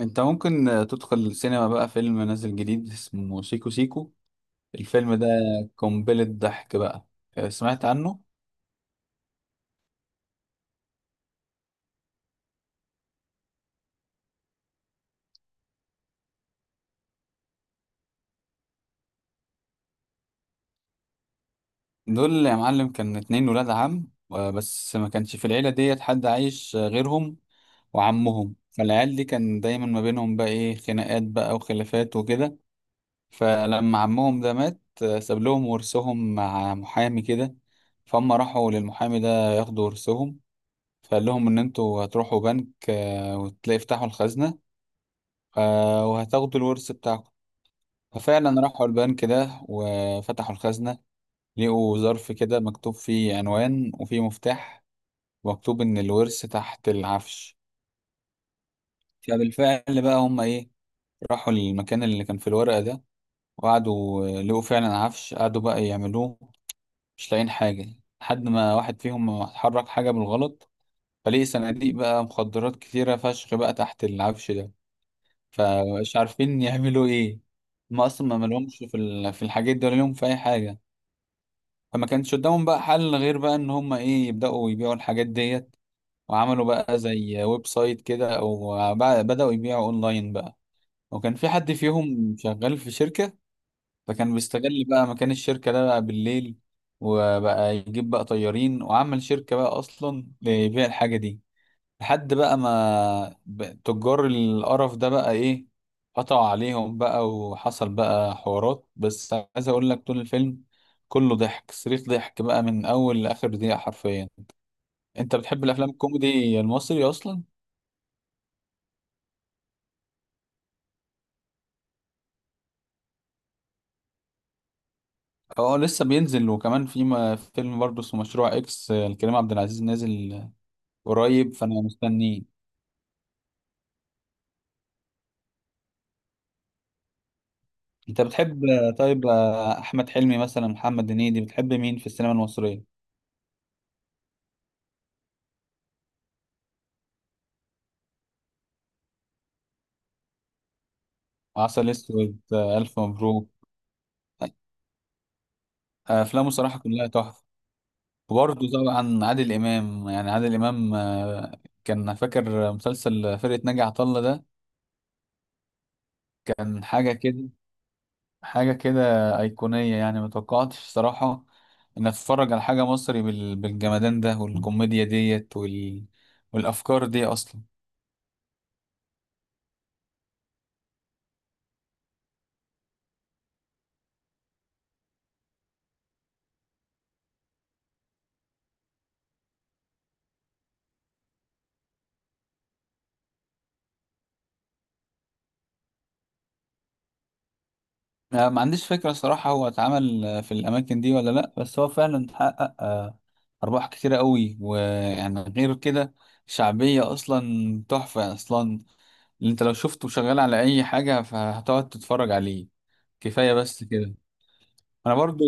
انت ممكن تدخل السينما بقى. فيلم نازل جديد اسمه سيكو سيكو. الفيلم ده قنبلة ضحك بقى. سمعت عنه. دول يا معلم كان اتنين ولاد عم، بس ما كانش في العيلة ديت حد عايش غيرهم. وعمهم، فالعيال دي كان دايما ما بينهم بقى ايه خناقات بقى وخلافات وكده. فلما عمهم ده مات، ساب لهم ورثهم مع محامي كده. فهم راحوا للمحامي ده ياخدوا ورثهم. فقال لهم ان انتوا هتروحوا بنك وتلاقي فتحوا الخزنة، وهتاخدوا الورث بتاعكم. ففعلا راحوا البنك ده وفتحوا الخزنة. لقوا ظرف كده مكتوب فيه عنوان وفيه مفتاح، ومكتوب إن الورث تحت العفش. فبالفعل بقى هم إيه، راحوا للمكان اللي كان في الورقة ده، وقعدوا، لقوا فعلا عفش قعدوا بقى يعملوه. مش لاقيين حاجة، لحد ما واحد فيهم حرك حاجة بالغلط فلقي صناديق بقى مخدرات كتيرة فشخ بقى تحت العفش ده. فمش عارفين يعملوا ايه. هم اصلا ما مالهمش في الحاجات دي ولا لهم في اي حاجه. فما كانش قدامهم بقى حل غير بقى ان هم ايه يبداوا يبيعوا الحاجات ديت. وعملوا بقى زي ويب سايت كده، او بداوا يبيعوا اونلاين بقى. وكان في حد فيهم شغال في شركه، فكان بيستغل بقى مكان الشركه ده بقى بالليل، وبقى يجيب بقى طيارين وعمل شركه بقى اصلا لبيع الحاجه دي. لحد بقى ما تجار القرف ده بقى ايه قطعوا عليهم بقى وحصل بقى حوارات. بس عايز اقول لك طول الفيلم كله ضحك، صريخ ضحك بقى من اول لاخر دقيقة حرفيا. انت بتحب الافلام الكوميدي المصري اصلا؟ اه لسه بينزل. وكمان في فيلم برضه اسمه مشروع اكس، لكريم عبد العزيز نازل قريب فانا مستنيه. انت بتحب طيب، احمد حلمي مثلا؟ محمد هنيدي؟ بتحب مين في السينما المصرية؟ عسل اسود، الف مبروك. افلامه صراحه كلها تحفه. وبرضه طبعا عادل امام، يعني عادل امام. كان فاكر مسلسل فرقه ناجي عطا الله ده؟ كان حاجه كده، حاجه كده، ايقونيه. يعني ما توقعتش صراحه ان اتفرج على حاجه مصري بالجمدان ده والكوميديا ديت والافكار دي اصلا. ما عنديش فكره صراحه هو اتعمل في الاماكن دي ولا لا، بس هو فعلا حقق ارباح كتيره قوي. ويعني غير كده شعبيه اصلا تحفه اصلا. اللي انت لو شفته شغال على اي حاجة فهتقعد تتفرج عليه. كفاية بس كده. انا برضو.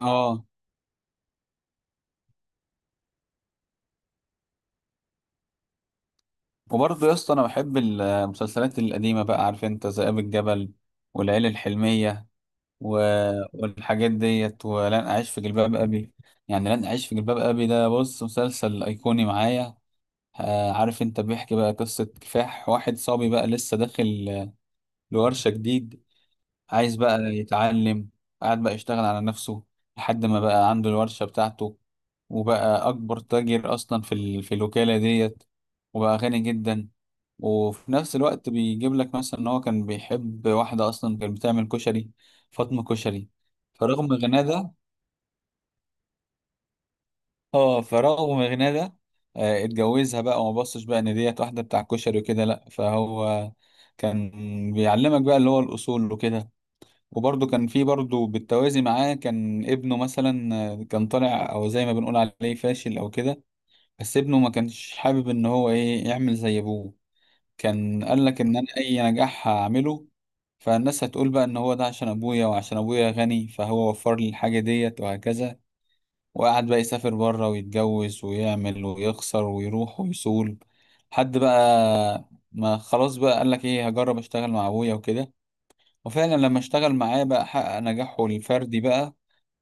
اه. وبرضو يا اسطى، انا بحب المسلسلات القديمة بقى. عارف انت ذئاب الجبل، والعيله الحلمية و... والحاجات ديت، ولن اعيش في جلباب ابي. يعني لن اعيش في جلباب ابي ده، بص، مسلسل ايقوني معايا. عارف انت، بيحكي بقى قصة كفاح واحد صبي بقى لسه داخل لورشة جديد. عايز بقى يتعلم، قعد بقى يشتغل على نفسه لحد ما بقى عنده الورشة بتاعته، وبقى أكبر تاجر أصلا في الوكالة ديت، وبقى غني جدا. وفي نفس الوقت بيجيب لك مثلا إن هو كان بيحب واحدة أصلا كانت بتعمل كشري، فاطمة كشري. فرغم غناه ده، اه فرغم غناه ده، اتجوزها بقى وما بصش بقى إن ديت واحدة بتاع كشري وكده لأ. فهو كان بيعلمك بقى اللي هو الأصول وكده. وبرضه كان في برضه بالتوازي معاه كان ابنه مثلا، كان طالع، او زي ما بنقول عليه فاشل او كده. بس ابنه ما كانش حابب ان هو ايه يعمل زي ابوه. كان قال لك ان انا اي نجاح هعمله فالناس هتقول بقى ان هو ده عشان ابويا، وعشان ابويا غني فهو وفر لي الحاجة ديت وهكذا. وقعد بقى يسافر بره ويتجوز ويعمل ويخسر ويروح ويصول حد بقى ما خلاص بقى قال لك ايه، هجرب اشتغل مع ابويا وكده. وفعلا لما اشتغل معاه بقى حقق نجاحه الفردي بقى،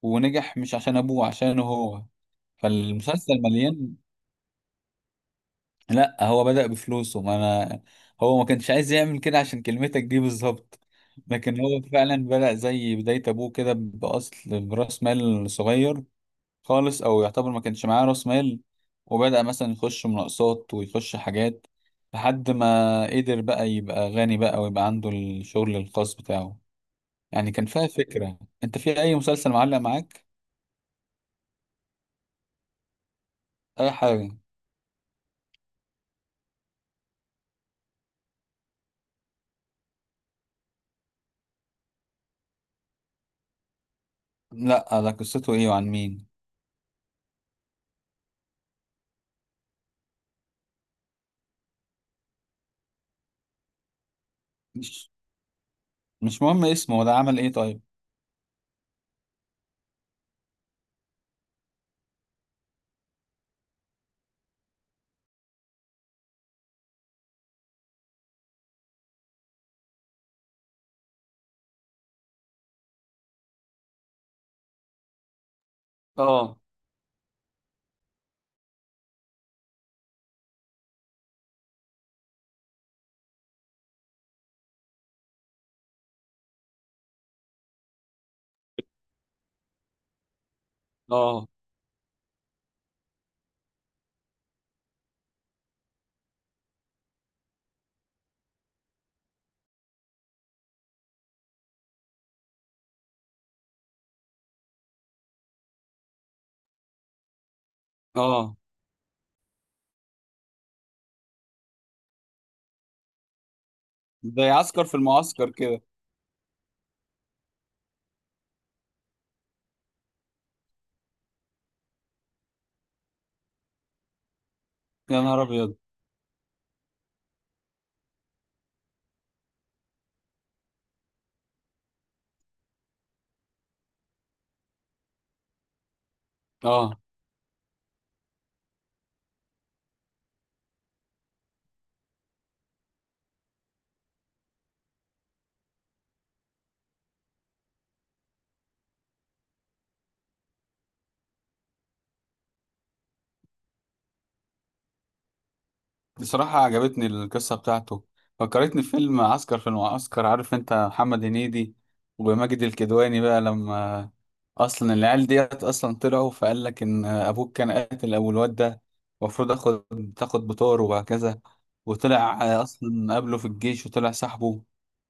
ونجح مش عشان ابوه، عشانه هو. فالمسلسل مليان. لا هو بدأ بفلوسه، ما انا هو ما كانش عايز يعمل كده عشان كلمتك دي بالظبط. لكن هو فعلا بدأ زي بداية ابوه كده، بأصل برأس مال صغير خالص، او يعتبر ما كانش معاه رأس مال. وبدأ مثلا يخش مناقصات ويخش حاجات لحد ما قدر بقى يبقى غني بقى ويبقى عنده الشغل الخاص بتاعه. يعني كان فيها فكرة. انت في اي مسلسل معلق معاك؟ اي حاجة. لا، ده قصته ايه وعن مين؟ مش مش مهم اسمه، ده عمل ايه طيب؟ اه، اه، اه. زي عسكر في المعسكر كده. يا نهار ابيض. اه. بصراحة عجبتني القصة بتاعته، فكرتني في فيلم عسكر في المعسكر. عارف انت محمد هنيدي وماجد الكدواني بقى، لما اصلا العيال ديت اصلا طلعوا فقال لك ان ابوك كان قاتل ابو الواد ده، المفروض تاخد بطار وهكذا. وطلع اصلا قابله في الجيش وطلع صاحبه،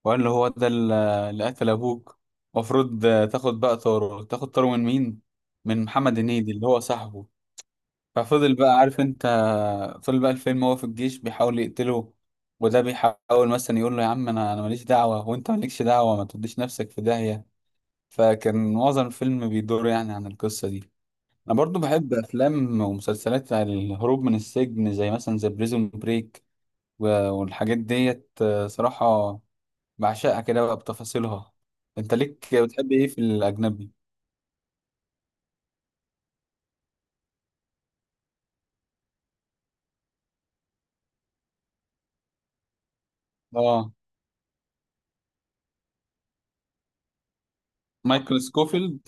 وقال له هو ده اللي قتل ابوك. المفروض تاخد بقى طاره. تاخد طاره من مين؟ من محمد هنيدي اللي هو صاحبه. ففضل بقى عارف انت، فضل بقى الفيلم هو في الجيش بيحاول يقتله. وده بيحاول مثلا يقول له يا عم، انا ماليش دعوة وانت مالكش دعوة، ما تديش نفسك في داهية. فكان معظم الفيلم بيدور يعني عن القصة دي. انا برضو بحب افلام ومسلسلات عن الهروب من السجن، زي مثلا زي بريزون بريك والحاجات ديت. صراحة بعشقها كده بقى بتفاصيلها. انت ليك بتحب ايه في الاجنبي؟ اه. مايكل سكوفيلد.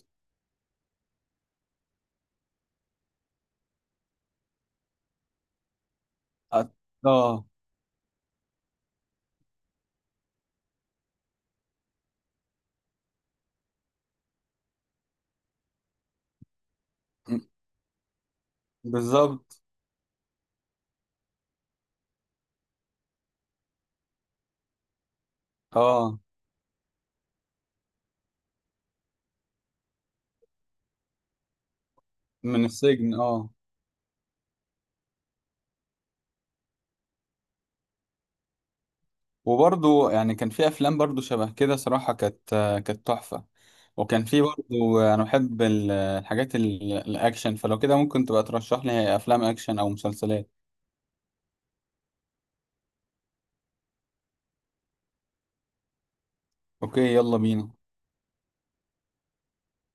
اه. آه، بالظبط. اه. من السجن، اه. وبرضو يعني كان في افلام برضو شبه كده صراحة كانت تحفة. وكان في برضو، انا بحب الحاجات الاكشن. فلو كده ممكن تبقى ترشح لي افلام اكشن او مسلسلات. اوكي، يلا بينا.